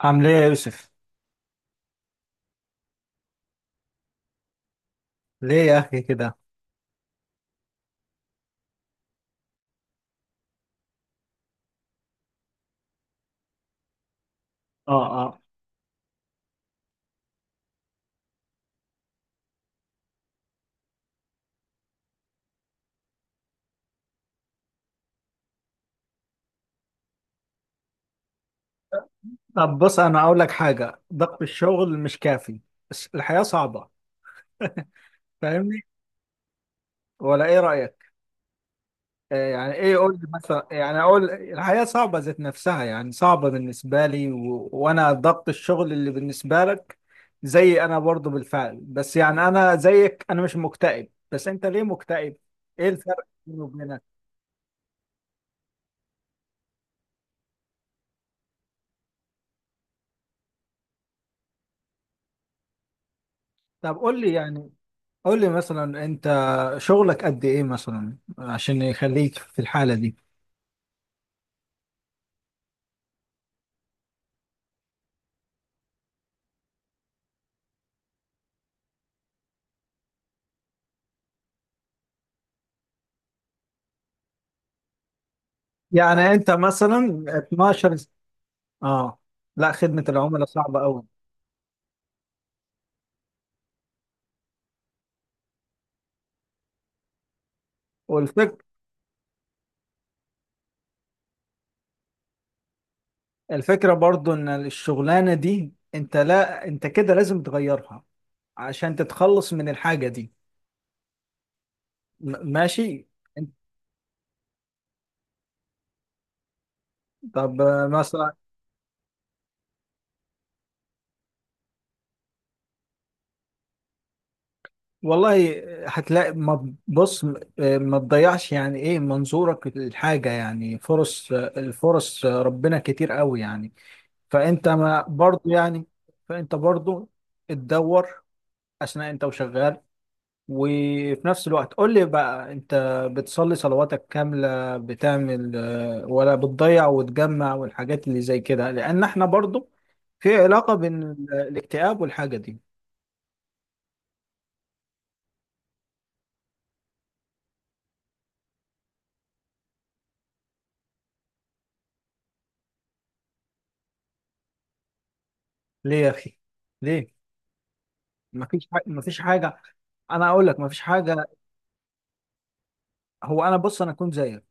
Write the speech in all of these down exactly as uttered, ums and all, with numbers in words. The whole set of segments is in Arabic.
عامل ايه يا يوسف؟ ليه يا اخي كده؟ اه اه. طب بص انا اقول لك حاجه، ضغط الشغل مش كافي، بس الحياه صعبه. فاهمني ولا ايه رايك؟ آه يعني ايه؟ قول لي مثلا، يعني اقول الحياه صعبه ذات نفسها يعني صعبه بالنسبه لي و... وانا ضغط الشغل اللي بالنسبه لك زي انا برضو بالفعل، بس يعني انا زيك انا مش مكتئب، بس انت ليه مكتئب؟ ايه الفرق بيني وبينك؟ طب قول لي يعني، قول لي مثلا انت شغلك قد ايه مثلا عشان يخليك في الحالة دي؟ يعني انت مثلا اتناشر س- اه لا، خدمة العملاء صعبة قوي. والفك، الفكرة برضو ان الشغلانة دي انت، لا انت كده لازم تغيرها عشان تتخلص من الحاجة دي. م- ماشي. انت- طب آه، مثلا والله هتلاقي، ما بص آه، ما تضيعش، يعني ايه منظورك للحاجة؟ يعني فرص آه، الفرص آه، ربنا كتير قوي يعني. فانت ما برضه يعني، فانت برضه تدور اثناء انت وشغال. وفي نفس الوقت قول لي بقى، انت بتصلي صلواتك كاملة؟ بتعمل آه، ولا بتضيع وتجمع والحاجات اللي زي كده؟ لان احنا برضه في علاقة بين ال- الاكتئاب والحاجة دي. ليه يا اخي؟ ليه؟ مفيش حاجة، مفيش حاجة، انا اقول لك مفيش حاجة. هو انا بص، انا كنت زيك،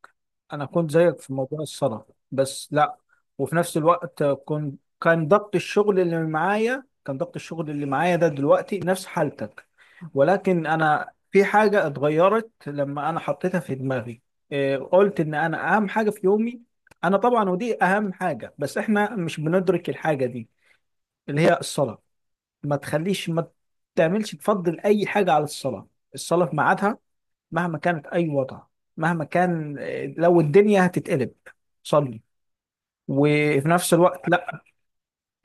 انا كنت زيك في موضوع الصلاة، بس لا. وفي نفس الوقت كنت كان ضغط الشغل اللي معايا، كان ضغط الشغل اللي معايا ده دلوقتي نفس حالتك، ولكن انا في حاجة اتغيرت لما انا حطيتها في دماغي. إيه، قلت ان انا اهم حاجة في يومي، انا طبعا ودي اهم حاجة، بس احنا مش بندرك الحاجة دي اللي هي الصلاة. ما تخليش، ما تعملش، تفضل اي حاجة على الصلاة. الصلاة في ميعادها مهما كانت اي وضع، مهما كان، لو الدنيا هتتقلب صلي. وفي نفس الوقت لا،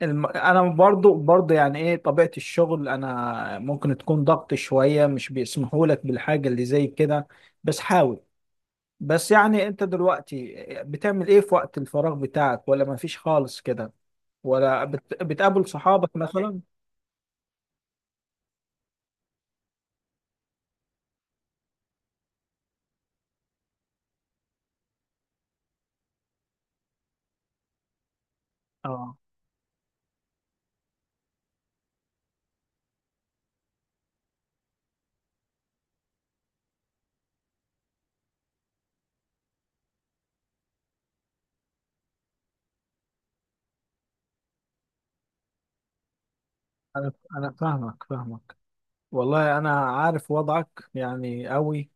الم... انا برضو برضو يعني ايه طبيعة الشغل انا ممكن تكون ضغط شوية، مش بيسمحوا لك بالحاجة اللي زي كده، بس حاول. بس يعني انت دلوقتي بتعمل ايه في وقت الفراغ بتاعك؟ ولا مفيش خالص كده؟ ولا بت... بتقابل صحابك مثلا؟ اه، انا انا فاهمك، فاهمك والله، انا عارف وضعك يعني قوي.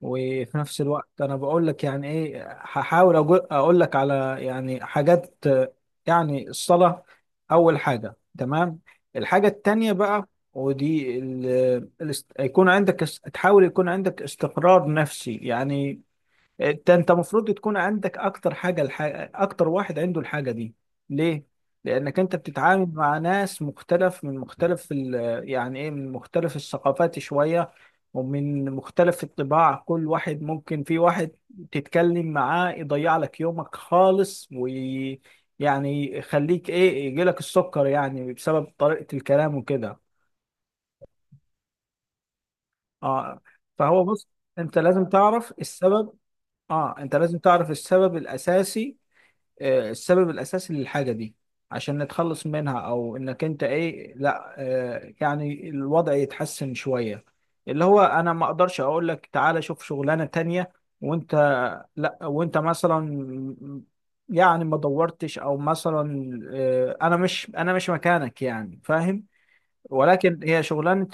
وفي نفس الوقت انا بقول لك يعني ايه، هحاول أجو- اقول لك على يعني حاجات آه، يعني الصلاة اول حاجة. تمام. الحاجة التانية بقى، ودي ال- الاست- يكون عندك است- تحاول يكون عندك استقرار نفسي يعني. انت انت المفروض تكون عندك اكتر حاجه، الحاجة اكتر واحد عنده الحاجه دي. ليه؟ لانك انت بتتعامل مع ناس مختلف من مختلف ال... يعني ايه، من مختلف الثقافات شويه ومن مختلف الطباع. كل واحد ممكن، في واحد تتكلم معاه يضيع لك يومك خالص، ويعني يخليك ايه، يجي لك السكر يعني بسبب طريقه الكلام وكده. اه، فهو بص، انت لازم تعرف السبب. اه، انت لازم تعرف السبب الاساسي. آه، السبب الأساسي للحاجة دي عشان نتخلص منها، أو إنك أنت إيه لا آه، يعني الوضع يتحسن شوية. اللي هو أنا ما أقدرش أقول لك تعالى شوف شغلانة تانية وأنت، لا وأنت مثلا يعني ما دورتش أو مثلا آه، أنا مش أنا مش مكانك يعني فاهم. ولكن هي شغلانة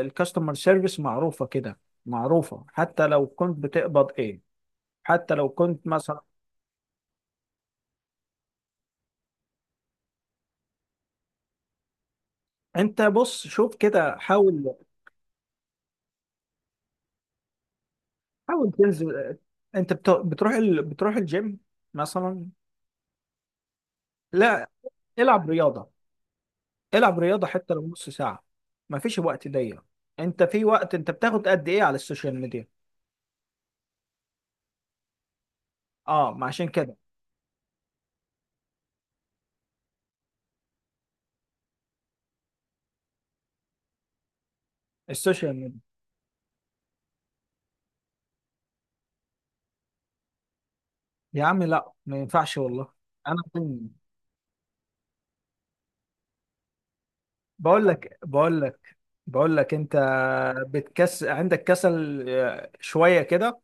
الكاستمر سيرفيس معروفة كده، معروفة حتى لو كنت بتقبض إيه، حتى لو كنت مثلا. انت بص شوف كده، حاول، حاول تنزل. انت بتو... بتروح ال... بتروح الجيم مثلا؟ لا، العب رياضة، العب رياضة حتى لو نص ساعة. مفيش وقت ضيق. انت في وقت انت بتاخد قد ايه على السوشيال ميديا؟ اه، ما عشان كده السوشيال ميديا. يا عم لا، ما ينفعش والله. انا من- بقول لك، بقول لك، بقول لك انت بتكس، عندك كسل آه، شوية كده.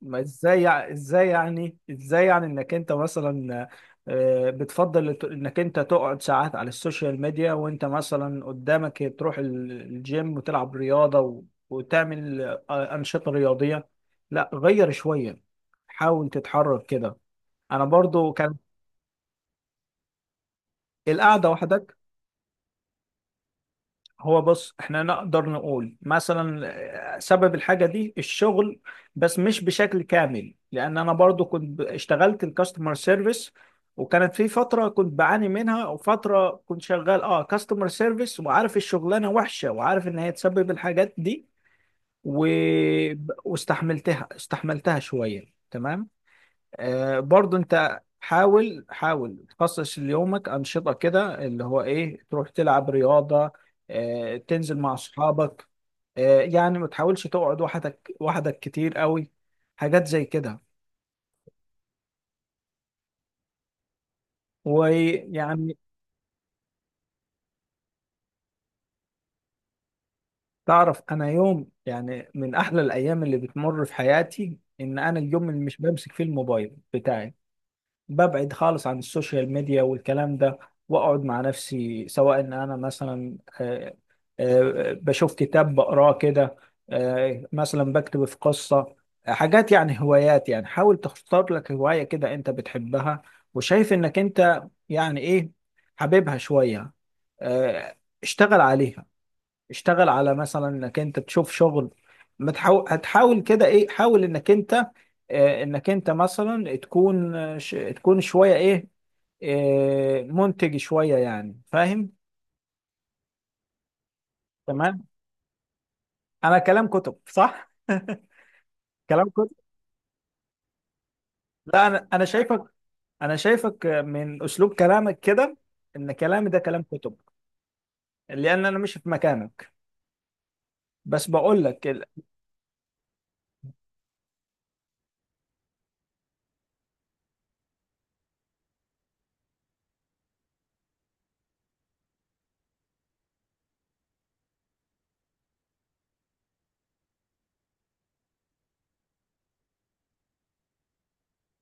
ما ازاي يع- ازاي يعني، ازاي يعني انك انت مثلا آه، بتفضل الت- انك انت تقعد ساعات على السوشيال ميديا، وانت مثلا قدامك تروح ال- الجيم وتلعب رياضة و- وتعمل آه، أنشطة رياضية. لا غير شوية، حاول تتحرك كده. انا برضو كان القعدة وحدك. هو بص احنا نقدر نقول مثلا آه، سبب الحاجة دي الشغل، بس مش بشكل كامل، لان انا برضو كنت ب- اشتغلت الكاستمر سيرفيس، وكانت في فترة كنت بعاني منها، وفترة كنت شغال اه كاستمر سيرفيس وعارف الشغلانة وحشة، وعارف ان هي تسبب الحاجات دي و... واستحملتها استحملتها شوية. تمام. آه، برضو انت حاول، حاول تخصص ليومك انشطه كده، اللي هو ايه، تروح تلعب رياضه آه، تنزل مع اصحابك آه، يعني ما تحاولش تقعد وحدك، وحدك كتير قوي. حاجات زي كده ويعني، تعرف انا يوم يعني من احلى الايام اللي بتمر في حياتي ان انا اليوم اللي مش بمسك فيه الموبايل بتاعي، ببعد خالص عن السوشيال ميديا والكلام ده، واقعد مع نفسي، سواء ان انا مثلا آه، آه، بشوف كتاب بقراه كده، آه، مثلا بكتب في قصة. آه، حاجات يعني هوايات، يعني حاول تختار لك هواية كده انت بتحبها وشايف انك انت يعني ايه حاببها شوية، آه، اشتغل عليها. اشتغل على مثلا انك انت تشوف شغل، ما تحاو- هتحاول كده ايه، حاول انك انت آه، انك انت مثلا تكون آه، ش- تكون شوية ايه آه، منتج شوية يعني فاهم. تمام. انا كلام كتب صح. كلام كده. لا، انا انا شايفك، انا شايفك من اسلوب كلامك كده ان كلامي ده كلام كتب، لان انا مش في مكانك، بس بقول لك ال-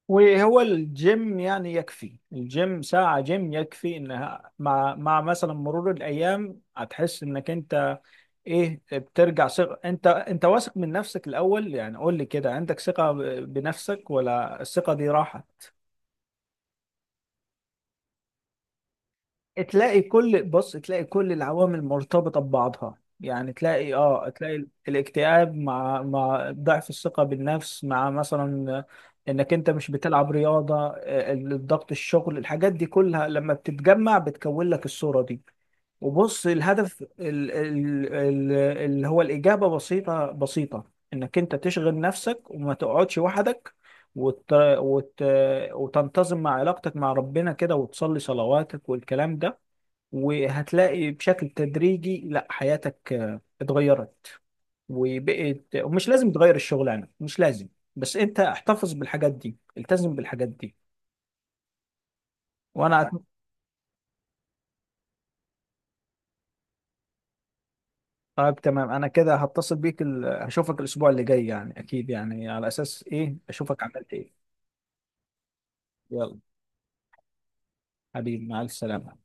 وهو الجيم يعني يكفي، الجيم ساعة جيم يكفي، انها مع مع مثلا مرور الايام هتحس انك انت ايه، بترجع ثقة، انت انت واثق من نفسك الاول. يعني قول لي كده، عندك ثقة ب- بنفسك ولا الثقة دي راحت؟ تلاقي كل، بص تلاقي كل العوامل مرتبطة ببعضها. يعني تلاقي اه تلاقي ال- الاكتئاب مع مع ضعف الثقة بالنفس، مع مثلا انك انت مش بتلعب رياضة آه، الضغط الشغل، الحاجات دي كلها لما بتتجمع بتكون لك الصورة دي. وبص الهدف ال- ال- ال- اللي هو الإجابة بسيطة، بسيطة، انك انت تشغل نفسك وما تقعدش وحدك، وت... وت... وتنتظم مع علاقتك مع ربنا كده، وتصلي صلواتك والكلام ده. وهتلاقي بشكل تدريجي لا، حياتك آه، اتغيرت وبقت، ومش لازم تغير الشغل يعني، مش لازم، بس انت احتفظ بالحاجات دي، التزم بالحاجات دي. وانا أت- طيب تمام. انا كده هتصل بيك ال... هشوفك الاسبوع اللي جاي يعني، اكيد يعني على اساس ايه، اشوفك عملت ايه. يلا، حبيبي مع السلامة.